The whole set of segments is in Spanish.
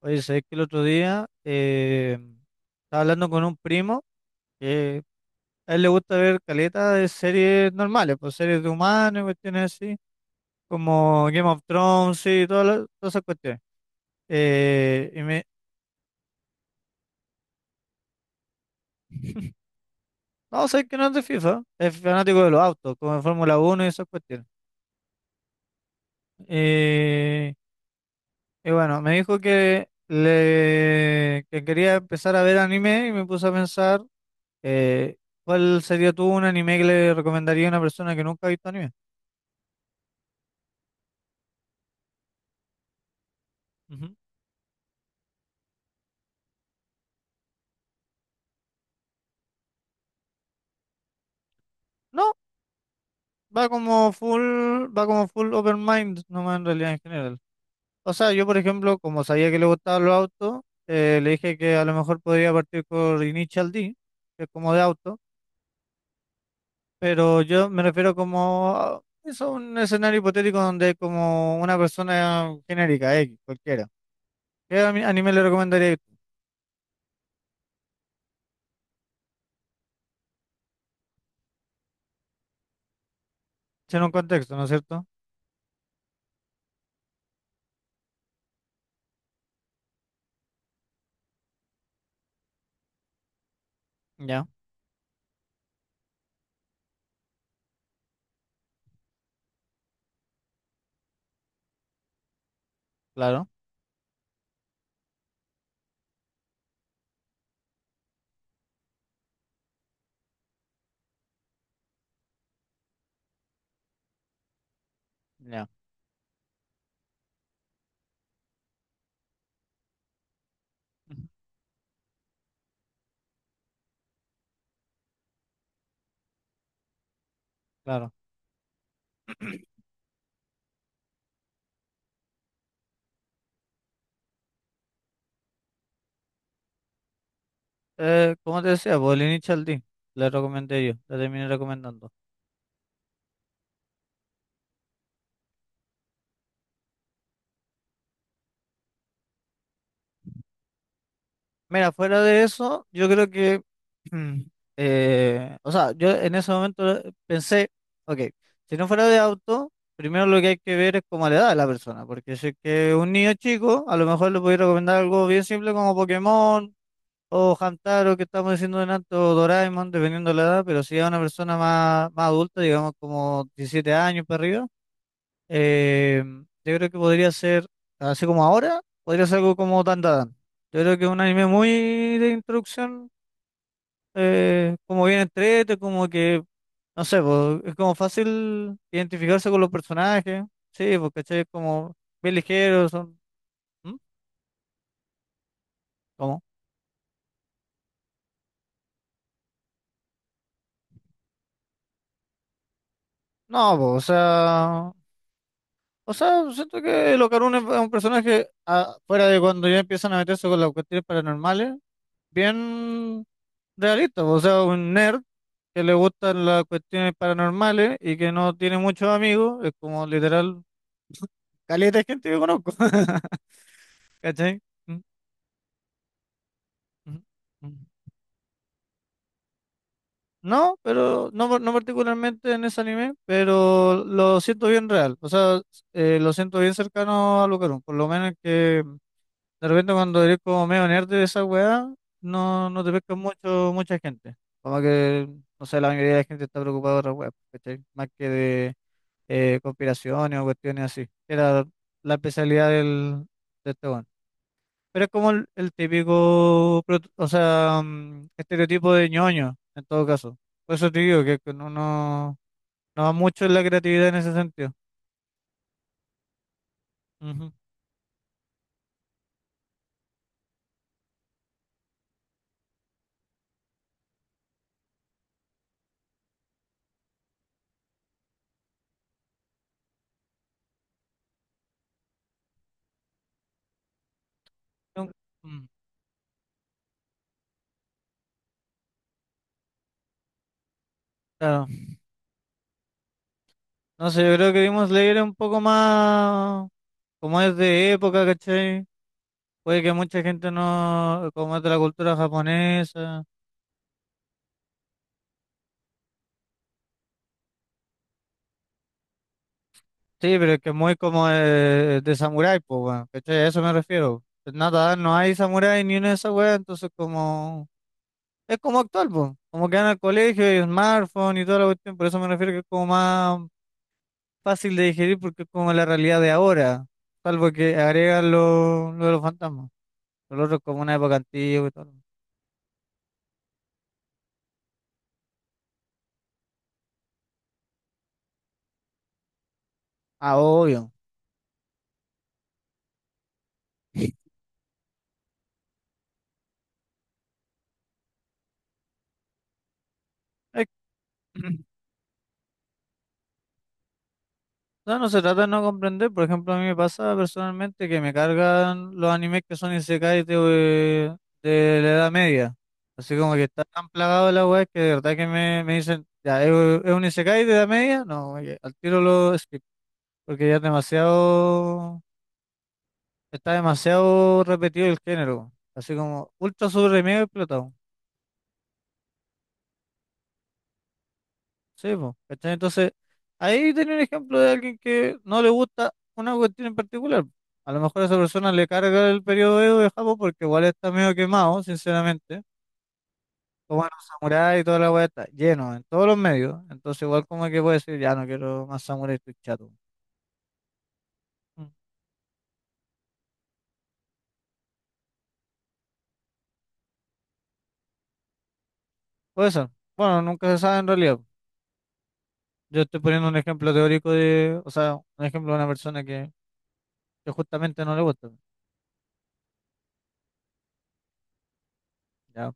Oye, sabés que el otro día estaba hablando con un primo que a él le gusta ver caleta de series normales, pues series de humanos y cuestiones así, como Game of Thrones y todas, todas esas cuestiones. Eh, y me, no, sabés que no es de FIFA, es fanático de los autos, como de Fórmula 1 y esas cuestiones. Eh, y bueno, me dijo que quería empezar a ver anime y me puse a pensar. Eh, ¿Cuál sería tú un anime que le recomendaría a una persona que nunca ha visto anime? Ujú. No, va como full, va como full open mind, nomás en realidad en general. O sea, yo por ejemplo, como sabía que le gustaban los autos, le dije que a lo mejor podría partir por Initial D, que es como de auto, pero yo me refiero como a eso, un escenario hipotético donde como una persona genérica, X, cualquiera. ¿Qué anime le recomendaría? En un contexto, ¿no es cierto? Ya, claro, ya, ujú, claro. Como te decía, pues el Initial D, la recomendé yo, la terminé recomendando. Mira, fuera de eso, yo creo que, o sea, yo en ese momento pensé, ok, si no fuera de auto, primero lo que hay que ver es como la edad de la persona, porque si es que un niño chico, a lo mejor le podría recomendar algo bien simple como Pokémon o Hamtaro, que estamos diciendo delante, o Doraemon, dependiendo de la edad, pero si es una persona más adulta, digamos como 17 años para arriba. Eh, yo creo que podría ser, así como ahora, podría ser algo como Dandadan. Yo creo que es un anime muy de introducción, como bien entrete, como que, no sé, po, es como fácil identificarse con los personajes. Sí, porque es como bien ligeros, son... ¿Mm? ¿Cómo? No, po, o sea... O sea, siento que Locarune es un personaje, fuera de cuando ya empiezan a meterse con las cuestiones paranormales, bien realista, po, o sea, un nerd que le gustan las cuestiones paranormales y que no tiene muchos amigos, es como literal, caleta de gente que conozco. ¿Cachai? Mm, mm, mm. No, pero no, no particularmente en ese anime, pero lo siento bien real. O sea, lo siento bien cercano a Lucarum. Por lo menos que de repente cuando eres como medio nerd de esa weá, no, no te pesca mucho, mucha gente. Como que, no sé, la mayoría de la gente está preocupada de otra weá, ¿cachai? Más que de conspiraciones o cuestiones así. Era la especialidad de este weón. Pero es como el típico, o sea, estereotipo de ñoño, en todo caso. Por eso te digo que no va mucho en la creatividad en ese sentido. Ujú. Nun- mm, Claro. No sé, yo creo que Demon Slayer es un poco más, como es de época, ¿cachai? Puede que mucha gente no, como es de la cultura japonesa. Sí, pero es que es muy como de samurái, pues, weón, ¿cachai? A eso me refiero. Pues nada, no hay samurái ni una de esas weas, entonces como... Es como actual, pues. Como que van al colegio y smartphone y toda la cuestión, por eso me refiero que es como más fácil de digerir porque es como la realidad de ahora, salvo que agregan lo de los fantasmas. Lo otro es como una época antigua y todo. Ah, obvio. No, no se trata de no comprender. Por ejemplo, a mí me pasa personalmente que me cargan los animes que son isekais de la Edad Media. Así como que está tan plagado de la web que de verdad que me dicen, ya, ¿es un isekai de Edad Media? No, oye, al tiro lo skip, porque ya es demasiado, está demasiado repetido el género. Así como ultra sobre mega explotado. Sí, po, ¿cachai? Entonces, ahí tenía un ejemplo de alguien que no le gusta una cuestión en particular. A lo mejor a esa persona le carga el periodo Edo de Japón porque igual está medio quemado, sinceramente. O bueno, samurái y toda la weá está lleno en todos los medios. Entonces, igual como que puede decir, ya no quiero más samurái, estoy chato. Mm, Puede ser. Bueno, nunca se sabe en realidad. Yo estoy poniendo un ejemplo teórico de, o sea, un ejemplo de una persona que, justamente no le gusta. Ya.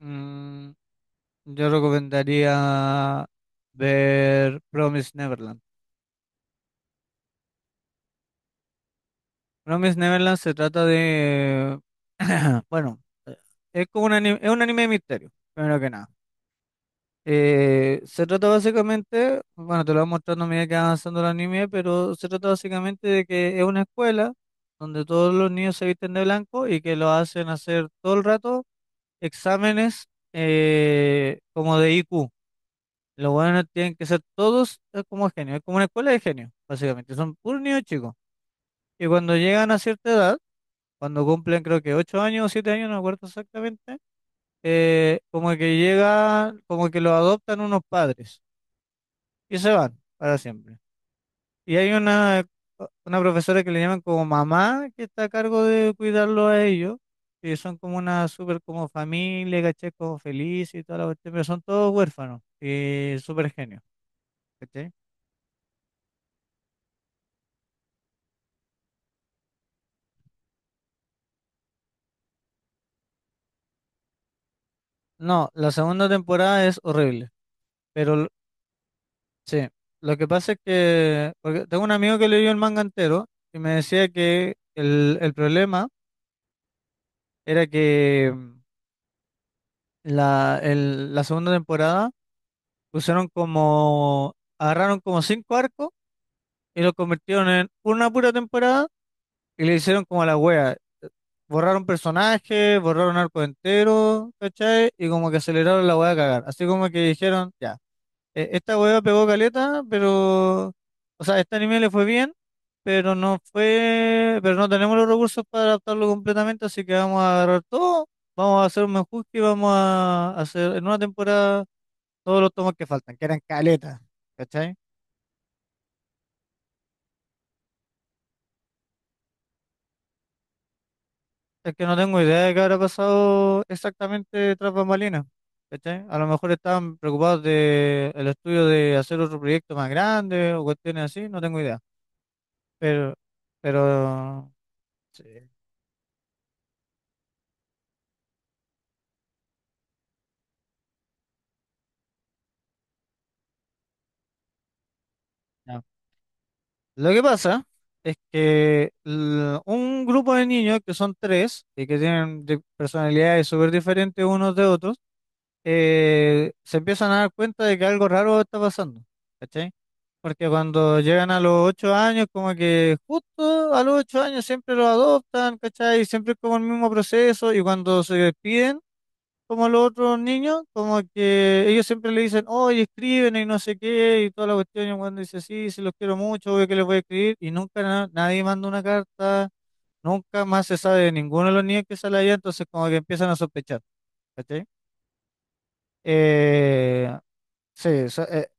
Mm, Yo recomendaría ver Promise Neverland. Promise Neverland se trata de, bueno, es un anime de misterio, primero que nada. Se trata básicamente, bueno, te lo voy mostrando a medida que va avanzando el anime, pero se trata básicamente de que es una escuela donde todos los niños se visten de blanco y que lo hacen hacer todo el rato exámenes como de IQ. Los buenos tienen que ser todos como genios, es como una escuela de genios, básicamente, son puros niños chicos. Y cuando llegan a cierta edad, cuando cumplen creo que 8 años o 7 años, no me acuerdo exactamente, como que los adoptan unos padres y se van para siempre. Y hay una profesora que le llaman como mamá, que está a cargo de cuidarlo a ellos, y son como una súper como familia, ¿cachai? Como feliz y toda la cuestión, pero son todos huérfanos y súper genios. No, la segunda temporada es horrible, pero sí, lo que pasa es que, porque tengo un amigo que leyó el manga entero y me decía que el problema era que la segunda temporada pusieron como, agarraron como cinco arcos y los convirtieron en una pura temporada y le hicieron como a la wea, borraron personajes, borraron arco entero, ¿cachai? Y como que aceleraron la wea a cagar, así como que dijeron, ya. Esta hueá pegó caleta, pero, o sea, este anime le fue bien, pero no fue, pero no tenemos los recursos para adaptarlo completamente, así que vamos a agarrar todo, vamos a hacer un menjurje y vamos a hacer en una temporada todos los tomos que faltan, que eran caleta, ¿cachai? Es que no tengo idea de qué habrá pasado exactamente tras bambalinas, ¿cachai? A lo mejor estaban preocupados de el estudio de hacer otro proyecto más grande o cuestiones así, no tengo idea, pero, pero... Sí. Lo que pasa es que un grupo de niños, que son tres y que tienen personalidades súper diferentes unos de otros, se empiezan a dar cuenta de que algo raro está pasando, ¿cachai? Porque cuando llegan a los 8 años, como que justo a los 8 años siempre los adoptan, ¿cachai? Siempre es como el mismo proceso y cuando se despiden como los otros niños, como que ellos siempre le dicen, oye, escriben y no sé qué, y toda la cuestión, y el weón dice, sí, sí, los quiero mucho, obvio que les voy a escribir, y nunca nadie manda una carta, nunca más se sabe de ninguno de los niños que sale allá, entonces como que empiezan a sospechar, ¿cachai? Eh, sí,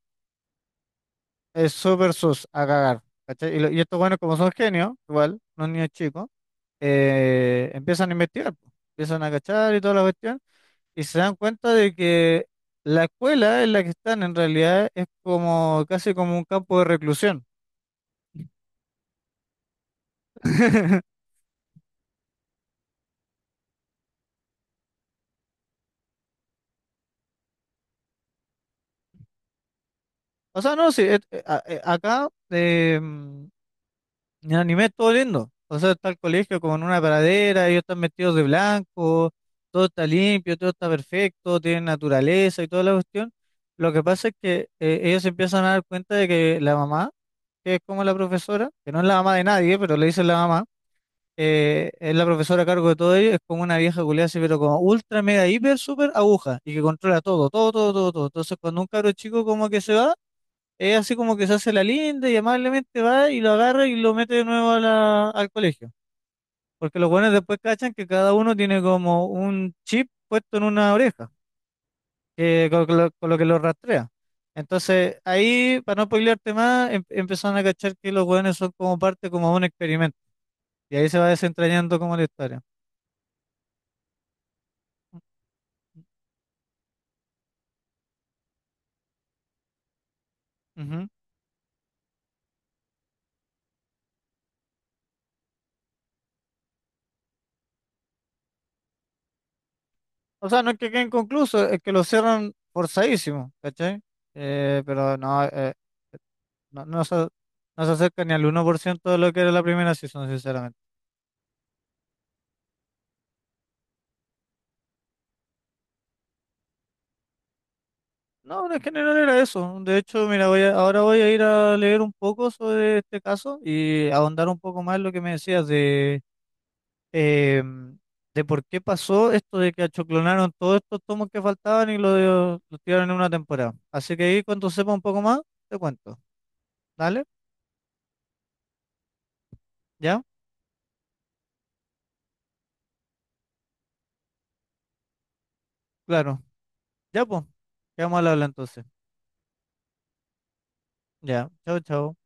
es súper sus a cagar, ¿cachai? Y estos buenos como son genios, igual, los niños chicos, empiezan a investigar, po, empiezan a cachar y toda la cuestión. Y se dan cuenta de que la escuela en la que están en realidad es como casi como un campo de reclusión. O sea, no, sí, acá en anime es todo lindo. O sea, está el colegio como en una pradera, ellos están vestidos de blanco, todo está limpio, todo está perfecto, tienen naturaleza y toda la cuestión. Lo que pasa es que ellos se empiezan a dar cuenta de que la mamá, que es como la profesora, que no es la mamá de nadie, pero le dicen la mamá, es la profesora a cargo de todo ello, es como una vieja culiada así, pero como ultra, mega, hiper, super aguja, y que controla todo, todo, todo, todo, todo. Entonces, cuando un cabro chico como que se va, es así como que se hace la linda y amablemente va y lo agarra y lo mete de nuevo a al colegio. Porque los buenos después cachan que cada uno tiene como un chip puesto en una oreja, que, con lo que lo rastrea. Entonces, ahí, para no spoilearte más, empezaron a cachar que los buenos son como parte como un experimento. Y ahí se va desentrañando como la historia. Ujú. O sea, no es que quede inconcluso, es que lo cierran forzadísimo, ¿cachai? Pero no, no se acerca ni al 1% de lo que era la primera season, sinceramente. No, en general era eso. De hecho, mira, ahora voy a ir a leer un poco sobre este caso y ahondar un poco más en lo que me decías eh, de por qué pasó esto de que achoclonaron todos estos tomos que faltaban y los tiraron en una temporada. Así que ahí cuando sepa un poco más, te cuento. ¿Dale? ¿Ya? Claro. Ya, pues, quedamos al habla entonces. Ya, chao, chao.